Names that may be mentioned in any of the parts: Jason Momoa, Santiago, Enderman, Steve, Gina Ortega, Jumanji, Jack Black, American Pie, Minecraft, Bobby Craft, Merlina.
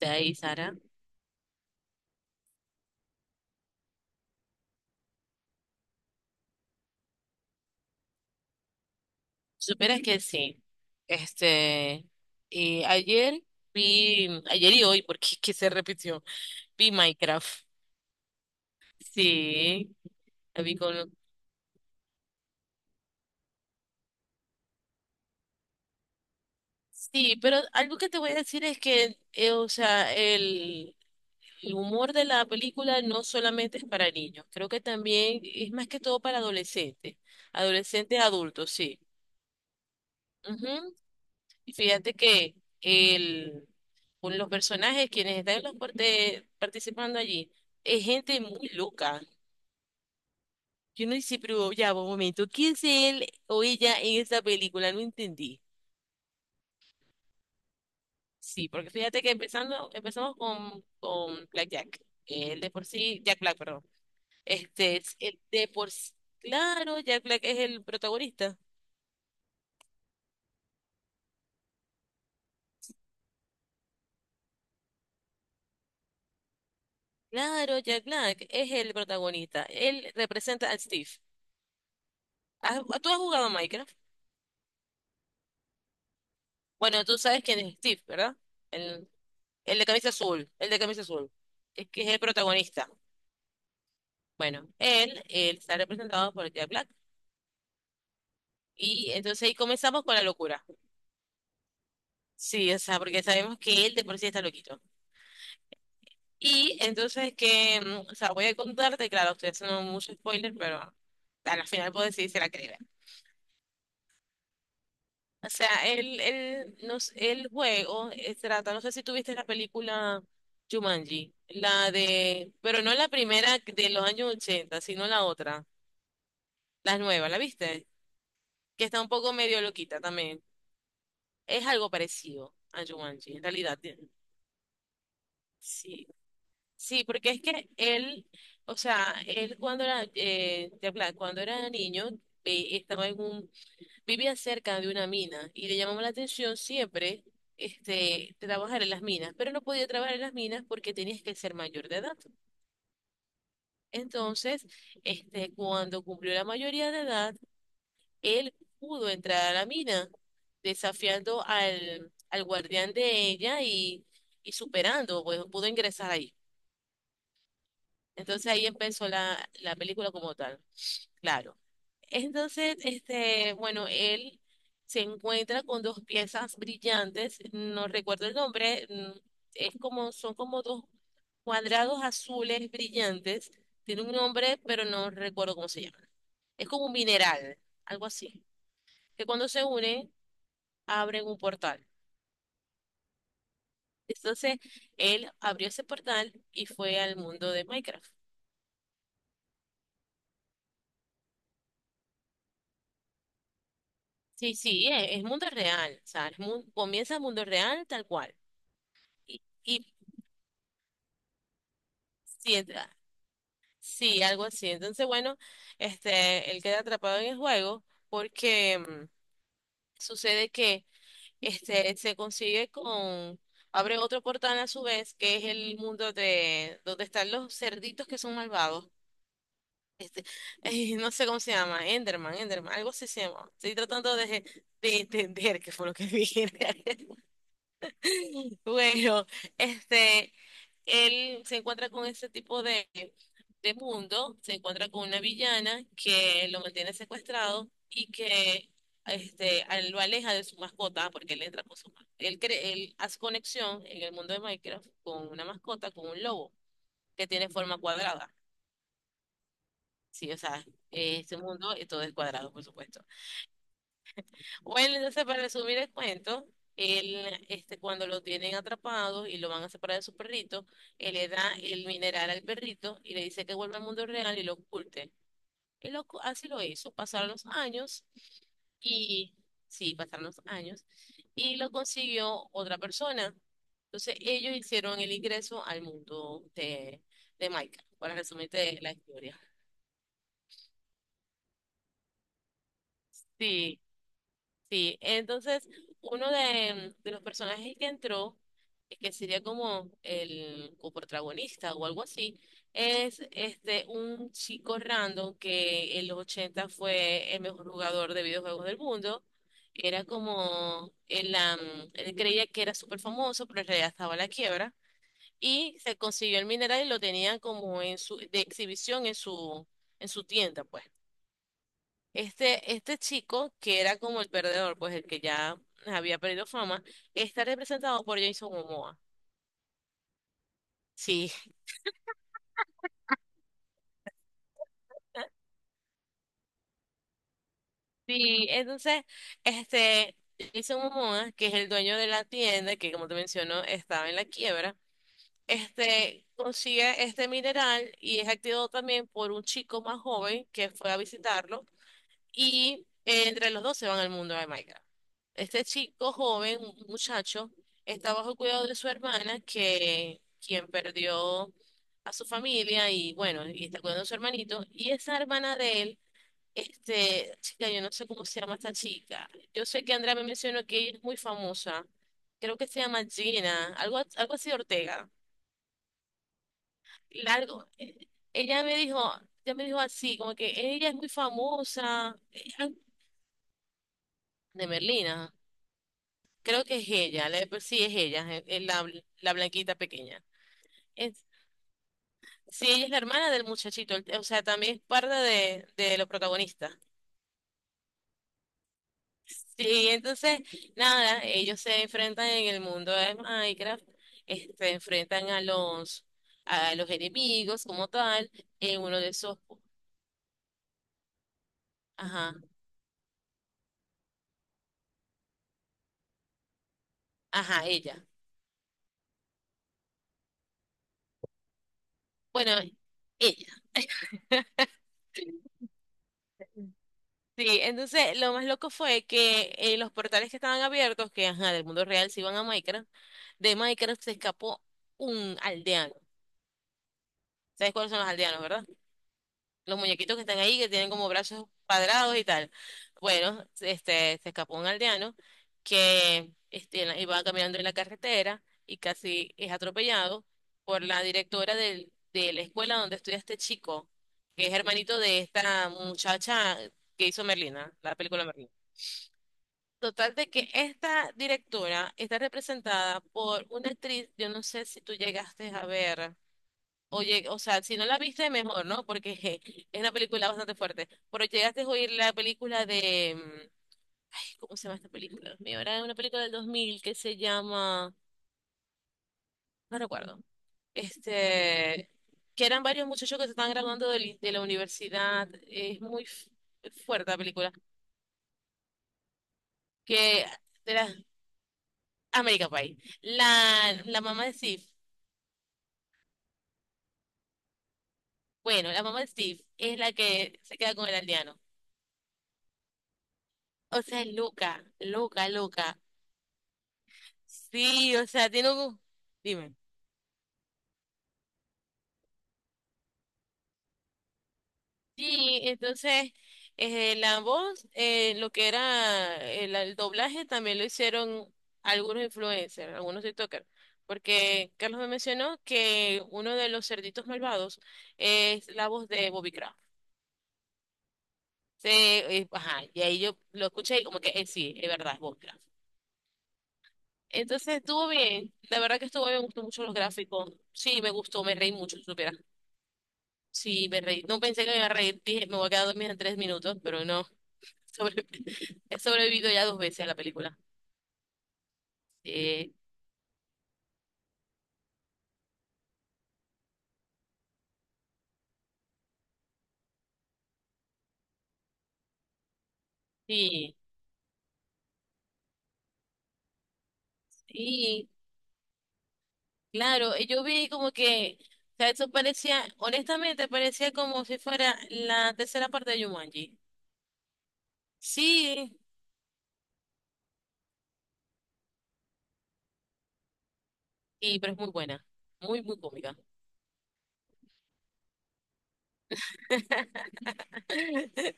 De ahí, Sara. Si supieras que sí. Este, ayer vi, ayer y hoy, porque es que se repitió, vi Minecraft. Sí, la vi con... Sí, pero algo que te voy a decir es que, o sea, el humor de la película no solamente es para niños, creo que también es más que todo para adolescentes, adolescentes adultos, sí. Y fíjate que el, con los personajes quienes están en los participando allí es gente muy loca. Yo no hice, pero ya, va, un momento, ¿quién es él o ella en esta película? No entendí. Sí, porque fíjate que empezando, empezamos con Black Jack. El de por sí, Jack Black, perdón. Este es el de por sí. Claro, Jack Black es el protagonista. Claro, Jack Black es el protagonista. Él representa a Steve. ¿Tú has jugado Minecraft? Bueno, tú sabes quién es Steve, ¿verdad? El, el de camisa azul, el de camisa azul, es que es el protagonista. Bueno, él está representado por Jack Black. Y entonces ahí comenzamos con la locura. Sí, o sea, porque sabemos que él de por sí está loquito. Y entonces que, o sea, voy a contarte, claro, estoy haciendo mucho spoiler, pero a la final puedo decir si la creí. O sea, el juego trata, no sé si tuviste la película Jumanji, la de, pero no la primera de los años 80 sino la otra, la nueva, ¿la viste? Que está un poco medio loquita también. Es algo parecido a Jumanji, en realidad. Sí, sí, porque es que él, o sea, él cuando era, cuando era niño, estaba en un vivía cerca de una mina y le llamaba la atención siempre este, trabajar en las minas, pero no podía trabajar en las minas porque tenías que ser mayor de edad. Entonces, este, cuando cumplió la mayoría de edad, él pudo entrar a la mina, desafiando al guardián de ella y superando, pues pudo ingresar ahí. Entonces ahí empezó la película como tal. Claro. Entonces, este, bueno, él se encuentra con dos piezas brillantes, no recuerdo el nombre, es como, son como dos cuadrados azules brillantes, tiene un nombre, pero no recuerdo cómo se llama. Es como un mineral, algo así, que cuando se unen, abren un portal. Entonces, él abrió ese portal y fue al mundo de Minecraft. Sí, sí, es mundo real, o sea, comienza el mundo real tal cual. Y sí. Sí, algo así. Entonces, bueno, este, él queda atrapado en el juego porque sucede que este se consigue con, abre otro portal a su vez, que es el mundo de donde están los cerditos que son malvados. Este, no sé cómo se llama, Enderman, Enderman, algo así se llama. Estoy tratando de entender qué fue lo que dije. Bueno, este, él se encuentra con este tipo de mundo, se encuentra con una villana que lo mantiene secuestrado y que este, a él lo aleja de su mascota, porque él entra con su él hace conexión en el mundo de Minecraft con una mascota, con un lobo, que tiene forma cuadrada. Sí, o sea, este mundo todo es cuadrado, por supuesto. Bueno, entonces para resumir el cuento, él, este, cuando lo tienen atrapado y lo van a separar de su perrito, él le da el mineral al perrito y le dice que vuelva al mundo real y lo oculte. Así lo hizo, pasaron los años y, sí, pasaron los años y lo consiguió otra persona. Entonces ellos hicieron el ingreso al mundo de Micah, para resumirte la historia. sí. Sí, entonces uno de los personajes que entró, que sería como el coprotagonista o algo así, es este un chico random que en los 80 fue el mejor jugador de videojuegos del mundo. Era como, él creía que era súper famoso, pero en realidad estaba a la quiebra. Y se consiguió el mineral y lo tenía como en su, de exhibición en su tienda, pues. Este chico, que era como el perdedor, pues el que ya había perdido fama, está representado por Jason Momoa. Sí. Sí, entonces, este, Jason Momoa, que es el dueño de la tienda, que como te menciono, estaba en la quiebra, este, consigue este mineral y es activado también por un chico más joven que fue a visitarlo. Y entre los dos se van al mundo de Minecraft. Este chico joven, un muchacho, está bajo cuidado de su hermana, que quien perdió a su familia y bueno, y está cuidando a su hermanito. Y esa hermana de él, este, chica, yo no sé cómo se llama esta chica. Yo sé que Andrea me mencionó que ella es muy famosa. Creo que se llama Gina, algo así Ortega. Largo. Ella me dijo, ella me dijo así, como que ella es muy famosa, ella- de Merlina. Creo que es ella, sí es ella, es la, la blanquita pequeña. Es, sí, ella es la hermana del muchachito, el- o sea, también es parte de los protagonistas. Sí, entonces, nada, ellos se enfrentan en el mundo de Minecraft, se enfrentan a a los enemigos como tal, en uno de esos, ajá, ajá, ella. Bueno, ella. Sí, entonces lo más loco fue que los portales que estaban abiertos, que ajá, del mundo real se iban a Minecraft, de Minecraft se escapó un aldeano. ¿Sabes cuáles son los aldeanos, verdad? Los muñequitos que están ahí, que tienen como brazos cuadrados y tal. Bueno, este, se escapó un aldeano que este, iba caminando en la carretera y casi es atropellado por la directora de la escuela donde estudia este chico, que es hermanito de esta muchacha que hizo Merlina, la película Merlina. Total de que esta directora está representada por una actriz, yo no sé si tú llegaste a ver, o sea, si no la viste mejor, ¿no? Porque je, es una película bastante fuerte, pero llegaste a oír la película de, ay, ¿cómo se llama esta película? Dios mío, era una película del 2000 que se llama, no recuerdo, este, que eran varios muchachos que se estaban graduando de la universidad, es fuerte la película, que era American Pie. La mamá de Steve. Bueno, la mamá de Steve es la que se queda con el aldeano. O sea, es loca, loca, loca. Sí, o sea, tiene un... Dime. Sí, entonces, la voz, lo que era el doblaje, también lo hicieron algunos influencers, algunos TikTokers. Porque Carlos me mencionó que uno de los cerditos malvados es la voz de Bobby Craft. Sí, ajá, y ahí yo lo escuché y como que sí, es verdad, es Bobby Craft. Entonces estuvo bien, la verdad que estuvo bien, me gustó mucho los gráficos. Sí, me gustó, me reí mucho, si supiera. Sí, me reí. No pensé que me iba a reír, dije, me voy a quedar dormida en tres minutos, pero no. Sobre- he sobrevivido ya dos veces a la película. Sí, sí, sí, claro. Y yo vi como que, o sea, eso parecía, honestamente, parecía como si fuera la tercera parte de Jumanji. Sí, y, pero es muy buena, muy, muy cómica.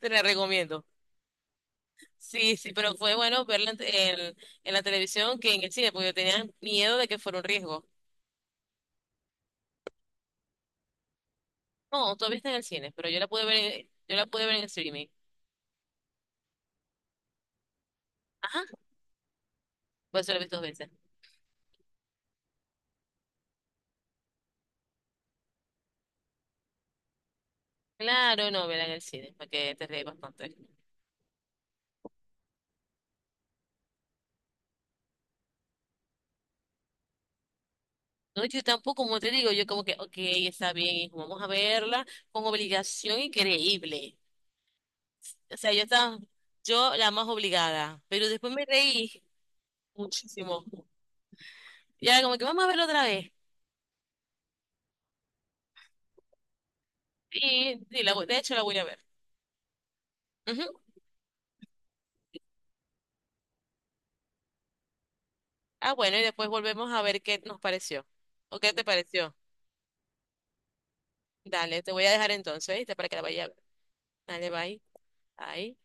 Te la recomiendo. Sí, sí, pero fue bueno verla en, en- en la televisión que en el cine, porque yo tenía miedo de que fuera un riesgo. No, todavía está en el cine, pero yo la pude ver, yo la pude ver en el streaming. Ajá, por eso la he visto dos veces. Claro, no, verla en el cine, para que te ríes bastante. No, yo tampoco, como te digo, yo como que, ok, está bien, hijo, vamos a verla con obligación increíble. O sea, yo estaba, yo la más obligada, pero después me reí muchísimo. Y ahora como que vamos a verla otra vez. De hecho la voy a ver. Ujú. Ah, bueno, y después volvemos a ver qué nos pareció. ¿O qué te pareció? Dale, te voy a dejar entonces, ¿viste? Para que la vayas a ver. Dale, bye. Bye.